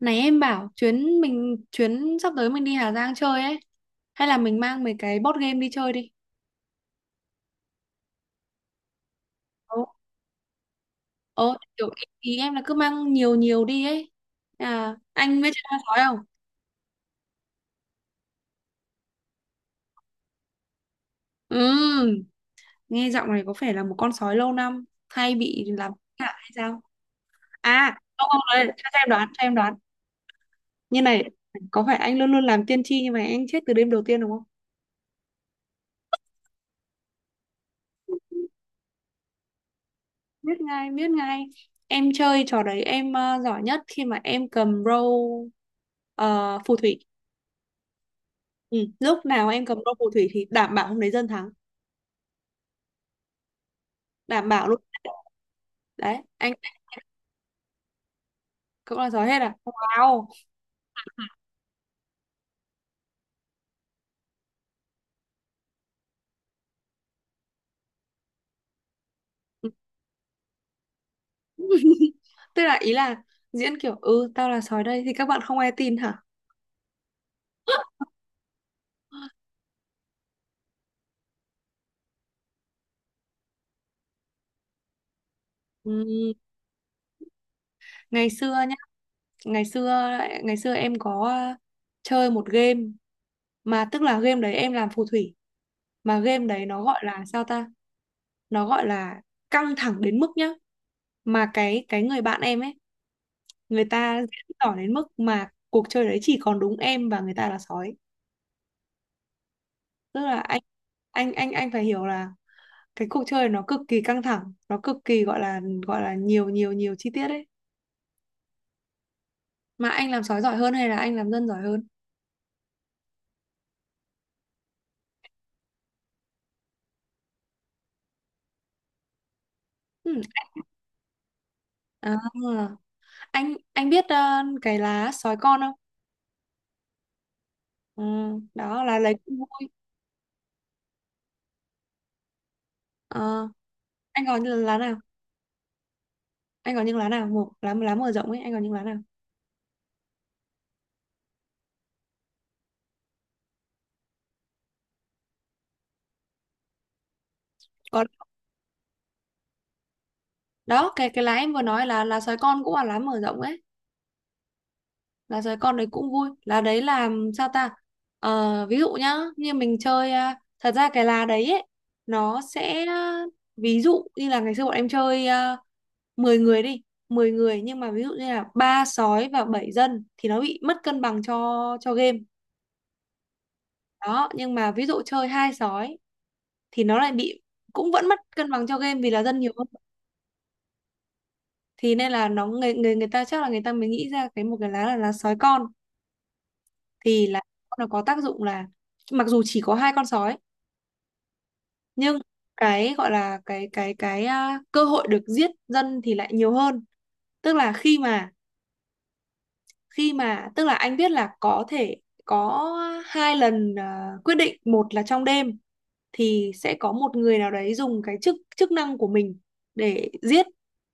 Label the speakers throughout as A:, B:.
A: Này em bảo chuyến sắp tới mình đi Hà Giang chơi ấy, hay là mình mang mấy cái board game đi chơi đi. Ồ, ồ, kiểu ý em là cứ mang nhiều nhiều đi ấy. À, anh biết chơi con sói không? Ừ, nghe giọng này có phải là một con sói lâu năm hay bị làm hại hay sao? À, không không đấy, cho em đoán, cho em đoán. Như này, có phải anh luôn luôn làm tiên tri nhưng mà anh chết từ đêm đầu tiên đúng không? Biết ngay, biết ngay. Em chơi trò đấy em giỏi nhất khi mà em cầm phù thủy. Ừ. Lúc nào em cầm đôi phù thủy thì đảm bảo hôm đấy dân thắng, đảm bảo luôn. Đấy, anh cũng là sói hết à, wow. Tức là ý là diễn kiểu ừ tao là sói đây thì các bạn không ai tin hả? Ừ. Ngày xưa nhá, ngày xưa, ngày xưa em có chơi một game, mà tức là game đấy em làm phù thủy, mà game đấy nó gọi là, sao ta, nó gọi là căng thẳng đến mức nhá, mà cái người bạn em ấy, người ta diễn tỏ đến mức mà cuộc chơi đấy chỉ còn đúng em và người ta là sói. Tức là anh phải hiểu là cái cuộc chơi nó cực kỳ căng thẳng, nó cực kỳ gọi là, gọi là nhiều nhiều nhiều chi tiết ấy. Mà anh làm sói giỏi hơn hay là anh làm dân giỏi hơn? Ừ. À, anh biết cái lá sói con không? Ừ. Đó là lấy cũng vui. Ờ, anh có những lá nào, anh có những lá nào, một lá lá mở rộng ấy, anh có những lá nào? Có, đó cái lá em vừa nói là lá sói con cũng là lá mở rộng ấy, là giới con đấy cũng vui, là đấy là, sao ta. Ờ, ví dụ nhá như mình chơi, thật ra cái lá đấy ấy, nó sẽ ví dụ như là ngày xưa bọn em chơi 10 người đi, 10 người, nhưng mà ví dụ như là ba sói và 7 dân thì nó bị mất cân bằng cho game. Đó, nhưng mà ví dụ chơi hai sói thì nó lại bị, cũng vẫn mất cân bằng cho game vì là dân nhiều hơn. Thì nên là nó, người người người ta chắc là người ta mới nghĩ ra một cái lá là lá sói con, thì là nó có tác dụng là mặc dù chỉ có hai con sói nhưng cái gọi là cơ hội được giết dân thì lại nhiều hơn. Tức là khi mà tức là anh biết là có thể có hai lần quyết định, một là trong đêm thì sẽ có một người nào đấy dùng cái chức chức năng của mình để giết,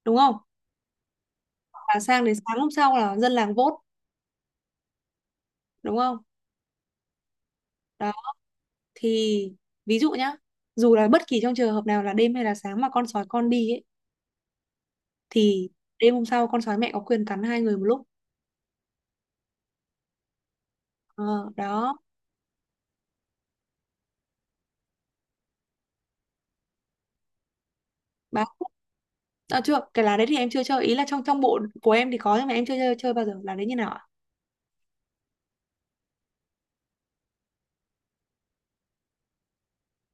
A: đúng không? Và sang đến sáng hôm sau là dân làng vote, đúng không? Đó, thì ví dụ nhá, dù là bất kỳ trong trường hợp nào là đêm hay là sáng mà con sói con đi ấy thì đêm hôm sau con sói mẹ có quyền cắn hai người một lúc. Ờ, Đó. Báo thức. À, chưa, cái lá đấy thì em chưa chơi, ý là trong trong bộ của em thì có nhưng mà em chưa chơi bao giờ, lá đấy như nào ạ?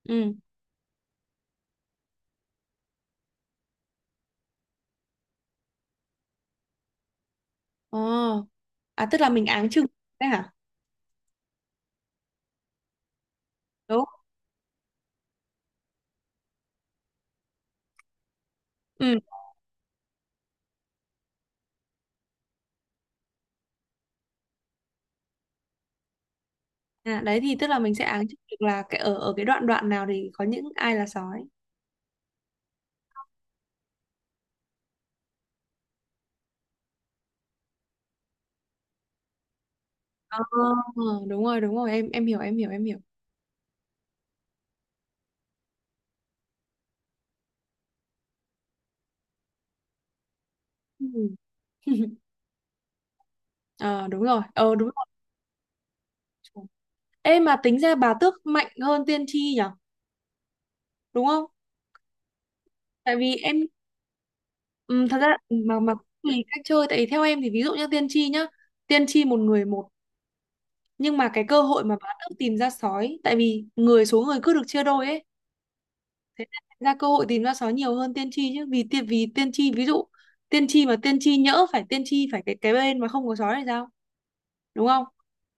A: Ừ, ờ, à tức là mình áng chừng đấy hả? Đúng. Ừ. À, đấy thì tức là mình sẽ áng chừng được là cái ở ở cái đoạn đoạn nào thì có những ai là sói. Ờ, đúng rồi, đúng rồi, em hiểu, em hiểu, em hiểu. Ừ. Ờ, đúng rồi, ờ, đúng rồi. Ê mà tính ra bà tước mạnh hơn tiên tri nhở, đúng không, tại vì em. Ừ, thật ra mà cũng tùy cách chơi, tại vì theo em thì ví dụ như tiên tri nhá, tiên tri một người một, nhưng mà cái cơ hội mà bá tước tìm ra sói, tại vì số người cứ được chia đôi ấy, thế nên ra cơ hội tìm ra sói nhiều hơn tiên tri chứ, vì tiên tri ví dụ, tiên tri mà tiên tri nhỡ phải, tiên tri phải cái bên mà không có sói thì sao, đúng không?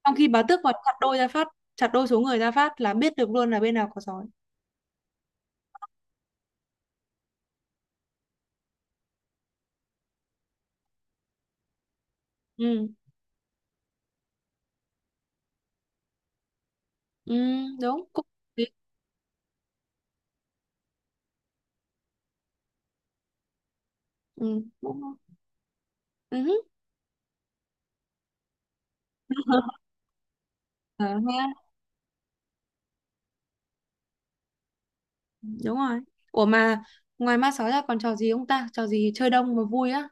A: Trong khi bá tước mà chặt đôi ra phát, chặt đôi số người ra phát là biết được luôn là bên nào có sói. Ừ. Ừ đúng, cũng ừ, cũng ừ. Đúng rồi. Ủa mà ngoài ma sói ra còn trò gì không ta, trò gì chơi đông mà vui á?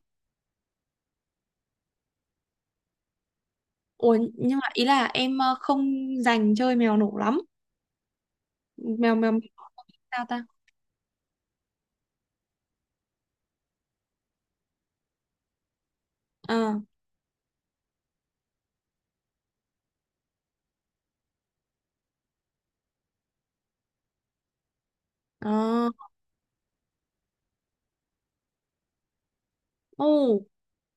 A: Ủa nhưng mà ý là em không dành chơi mèo nổ lắm. Mèo mèo, mèo sao ta. ờ ờ Ồ,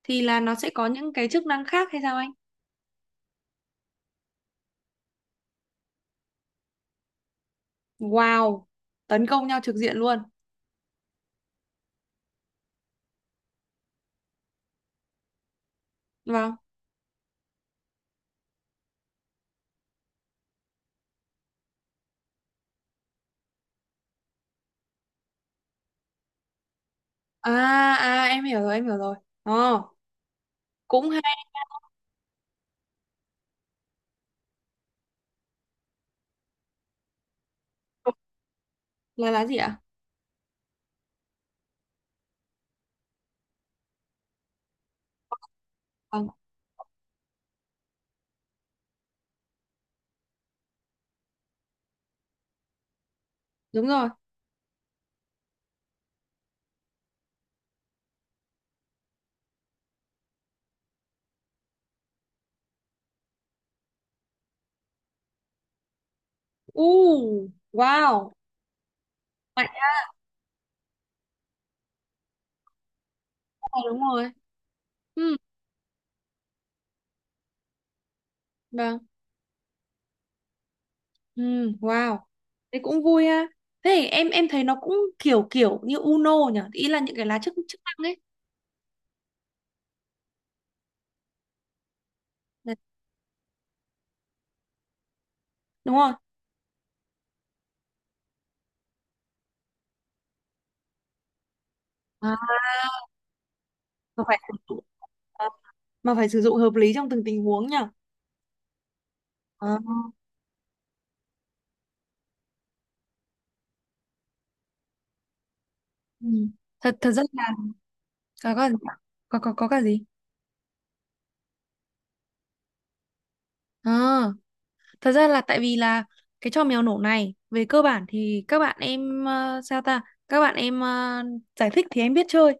A: thì là nó sẽ có những cái chức năng khác hay sao anh? Wow, tấn công nhau trực diện luôn. Vâng. À à, em hiểu rồi, em hiểu rồi. Ờ, cũng hay. Là lá gì ạ? Vâng, đúng rồi. U wow, mạnh ra. Rồi, đúng rồi. Ừ. Vâng. Ừ, wow. Thế cũng vui ha. Thế thì em thấy nó cũng kiểu kiểu như Uno nhỉ, ý là những cái lá chức chức năng ấy. Đấy. Đúng rồi. À, mà phải sử dụng à, mà phải sử dụng hợp lý trong từng tình huống nhỉ. À. Ừ. Thật thật ra là có, có cả gì? À, thật ra là tại vì là cái trò mèo nổ này về cơ bản thì các bạn em, sao ta? Các bạn em giải thích thì em biết chơi,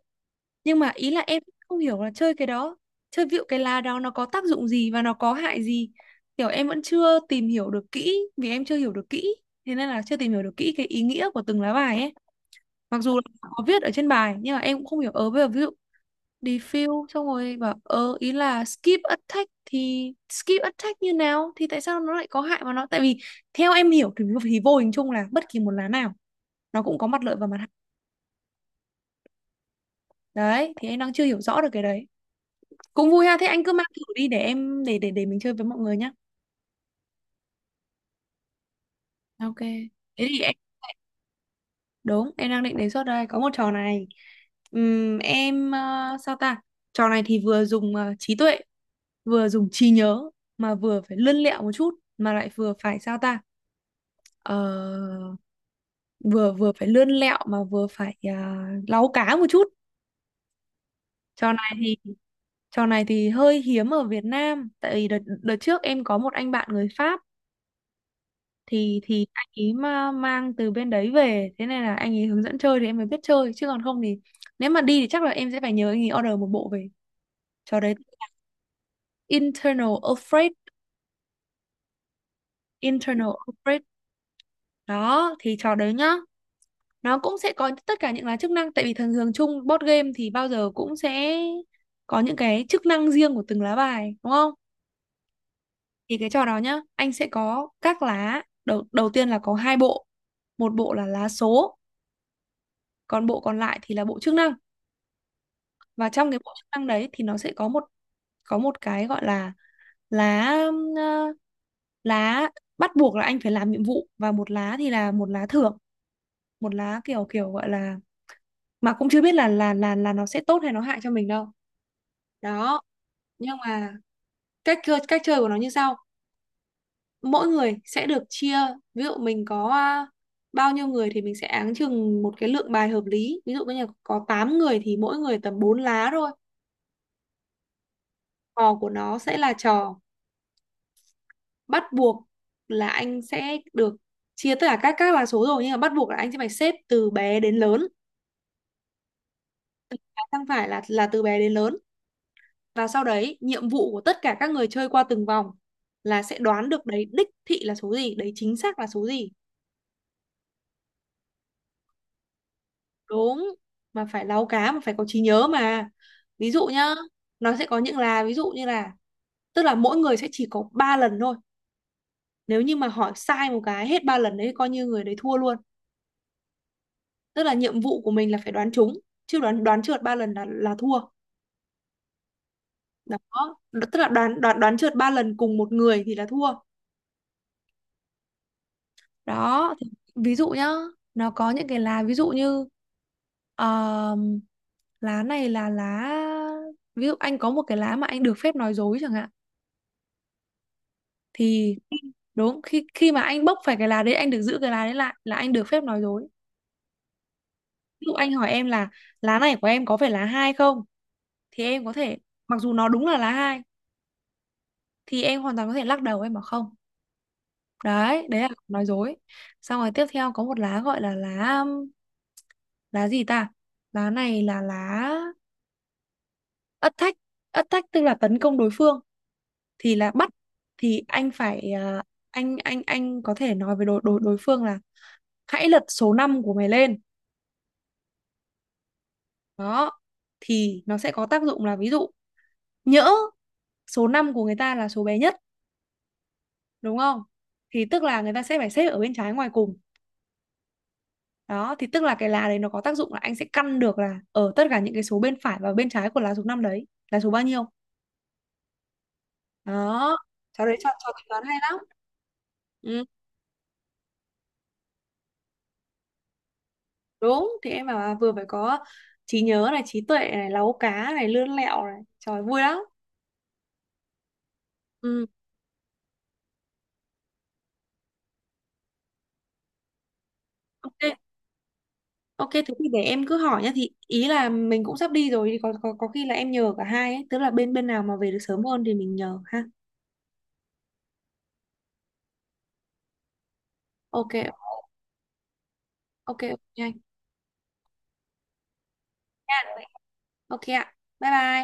A: nhưng mà ý là em không hiểu là chơi cái đó, chơi vịu cái lá đó nó có tác dụng gì và nó có hại gì, kiểu em vẫn chưa tìm hiểu được kỹ vì em chưa hiểu được kỹ, thế nên là chưa tìm hiểu được kỹ cái ý nghĩa của từng lá bài ấy. Mặc dù là có viết ở trên bài nhưng mà em cũng không hiểu. Ờ Bây giờ ví dụ defuse xong rồi bảo, ý là skip attack thì skip attack như nào thì tại sao nó lại có hại, mà nó tại vì theo em hiểu thì vô hình chung là bất kỳ một lá nào nó cũng có mặt lợi và mặt hại. Đấy thì em đang chưa hiểu rõ được cái đấy. Cũng vui ha, thế anh cứ mang thử đi để em, để mình chơi với mọi người nhá. Ok. Thế thì em, đúng, em đang định đề xuất đây, có một trò này. Sao ta. Trò này thì vừa dùng trí tuệ, vừa dùng trí nhớ, mà vừa phải lươn lẹo một chút mà lại vừa phải, sao ta. Ờ, vừa vừa phải lươn lẹo mà vừa phải láu cá một chút. Trò này thì trò này thì hơi hiếm ở Việt Nam, tại vì đợt trước em có một anh bạn người Pháp, thì anh ý mà mang từ bên đấy về, thế nên là anh ý hướng dẫn chơi thì em mới biết chơi chứ còn không thì nếu mà đi thì chắc là em sẽ phải nhờ anh ý order một bộ về, trò đấy internal upgrade, internal upgrade. Đó thì trò đấy nhá, nó cũng sẽ có tất cả những là chức năng, tại vì thường thường chung board game thì bao giờ cũng sẽ có những cái chức năng riêng của từng lá bài, đúng không? Thì cái trò đó nhá, anh sẽ có các lá, đầu đầu tiên là có hai bộ, một bộ là lá số, còn bộ còn lại thì là bộ chức năng. Và trong cái bộ chức năng đấy thì nó sẽ có một cái gọi là lá, ờ, lá bắt buộc là anh phải làm nhiệm vụ, và một lá thì là một lá thưởng, một lá kiểu kiểu gọi là, mà cũng chưa biết là nó sẽ tốt hay nó hại cho mình đâu. Đó. Nhưng mà cách chơi của nó như sau, mỗi người sẽ được chia, ví dụ mình có bao nhiêu người thì mình sẽ áng chừng một cái lượng bài hợp lý, ví dụ như là có 8 người thì mỗi người tầm 4 lá thôi. Trò của nó sẽ là trò bắt buộc là anh sẽ được chia tất cả các là số rồi, nhưng mà bắt buộc là anh sẽ phải xếp từ bé đến lớn, không phải là từ bé đến lớn. Và sau đấy nhiệm vụ của tất cả các người chơi qua từng vòng là sẽ đoán được đấy đích thị là số gì, đấy chính xác là số gì. Đúng. Mà phải láu cá mà phải có trí nhớ mà. Ví dụ nhá, nó sẽ có những là ví dụ như là, tức là mỗi người sẽ chỉ có 3 lần thôi, nếu như mà hỏi sai một cái hết 3 lần đấy coi như người đấy thua luôn. Tức là nhiệm vụ của mình là phải đoán trúng, chứ đoán đoán trượt ba lần là thua. Đó, tức là đoán đoán đoán trượt ba lần cùng một người thì là thua. Đó thì ví dụ nhá, nó có những cái lá ví dụ như, ờm, lá này là lá, ví dụ anh có một cái lá mà anh được phép nói dối chẳng hạn, thì đúng, khi khi mà anh bốc phải cái lá đấy anh được giữ cái lá đấy lại là anh được phép nói dối. Ví dụ anh hỏi em là lá này của em có phải lá hai không, thì em có thể, mặc dù nó đúng là lá hai, thì em hoàn toàn có thể lắc đầu em bảo không. Đấy, đấy là nói dối. Xong rồi tiếp theo có một lá gọi là lá, lá gì ta, lá này là lá ất thách. Ất thách tức là tấn công đối phương, thì là bắt, thì anh phải anh có thể nói với đối đối đối phương là hãy lật số 5 của mày lên. Đó, thì nó sẽ có tác dụng là, ví dụ, nhỡ số 5 của người ta là số bé nhất, đúng không, thì tức là người ta sẽ phải xếp ở bên trái ngoài cùng. Đó thì tức là cái lá đấy nó có tác dụng là anh sẽ căn được là ở tất cả những cái số bên phải và bên trái của lá số 5 đấy là số bao nhiêu. Đó, cháu đấy cho tính toán hay lắm. Ừ, đúng thì em bảo là vừa phải có trí nhớ này, trí tuệ này, láu cá này, lươn lẹo này, trời vui lắm. Ừ, ok, ok, thế thì để em cứ hỏi nhá, thì ý là mình cũng sắp đi rồi thì có khi là em nhờ cả hai ấy, tức là bên bên nào mà về được sớm hơn thì mình nhờ ha. Ok, ok, ok, anh nha. Ok ạ. Bye bye.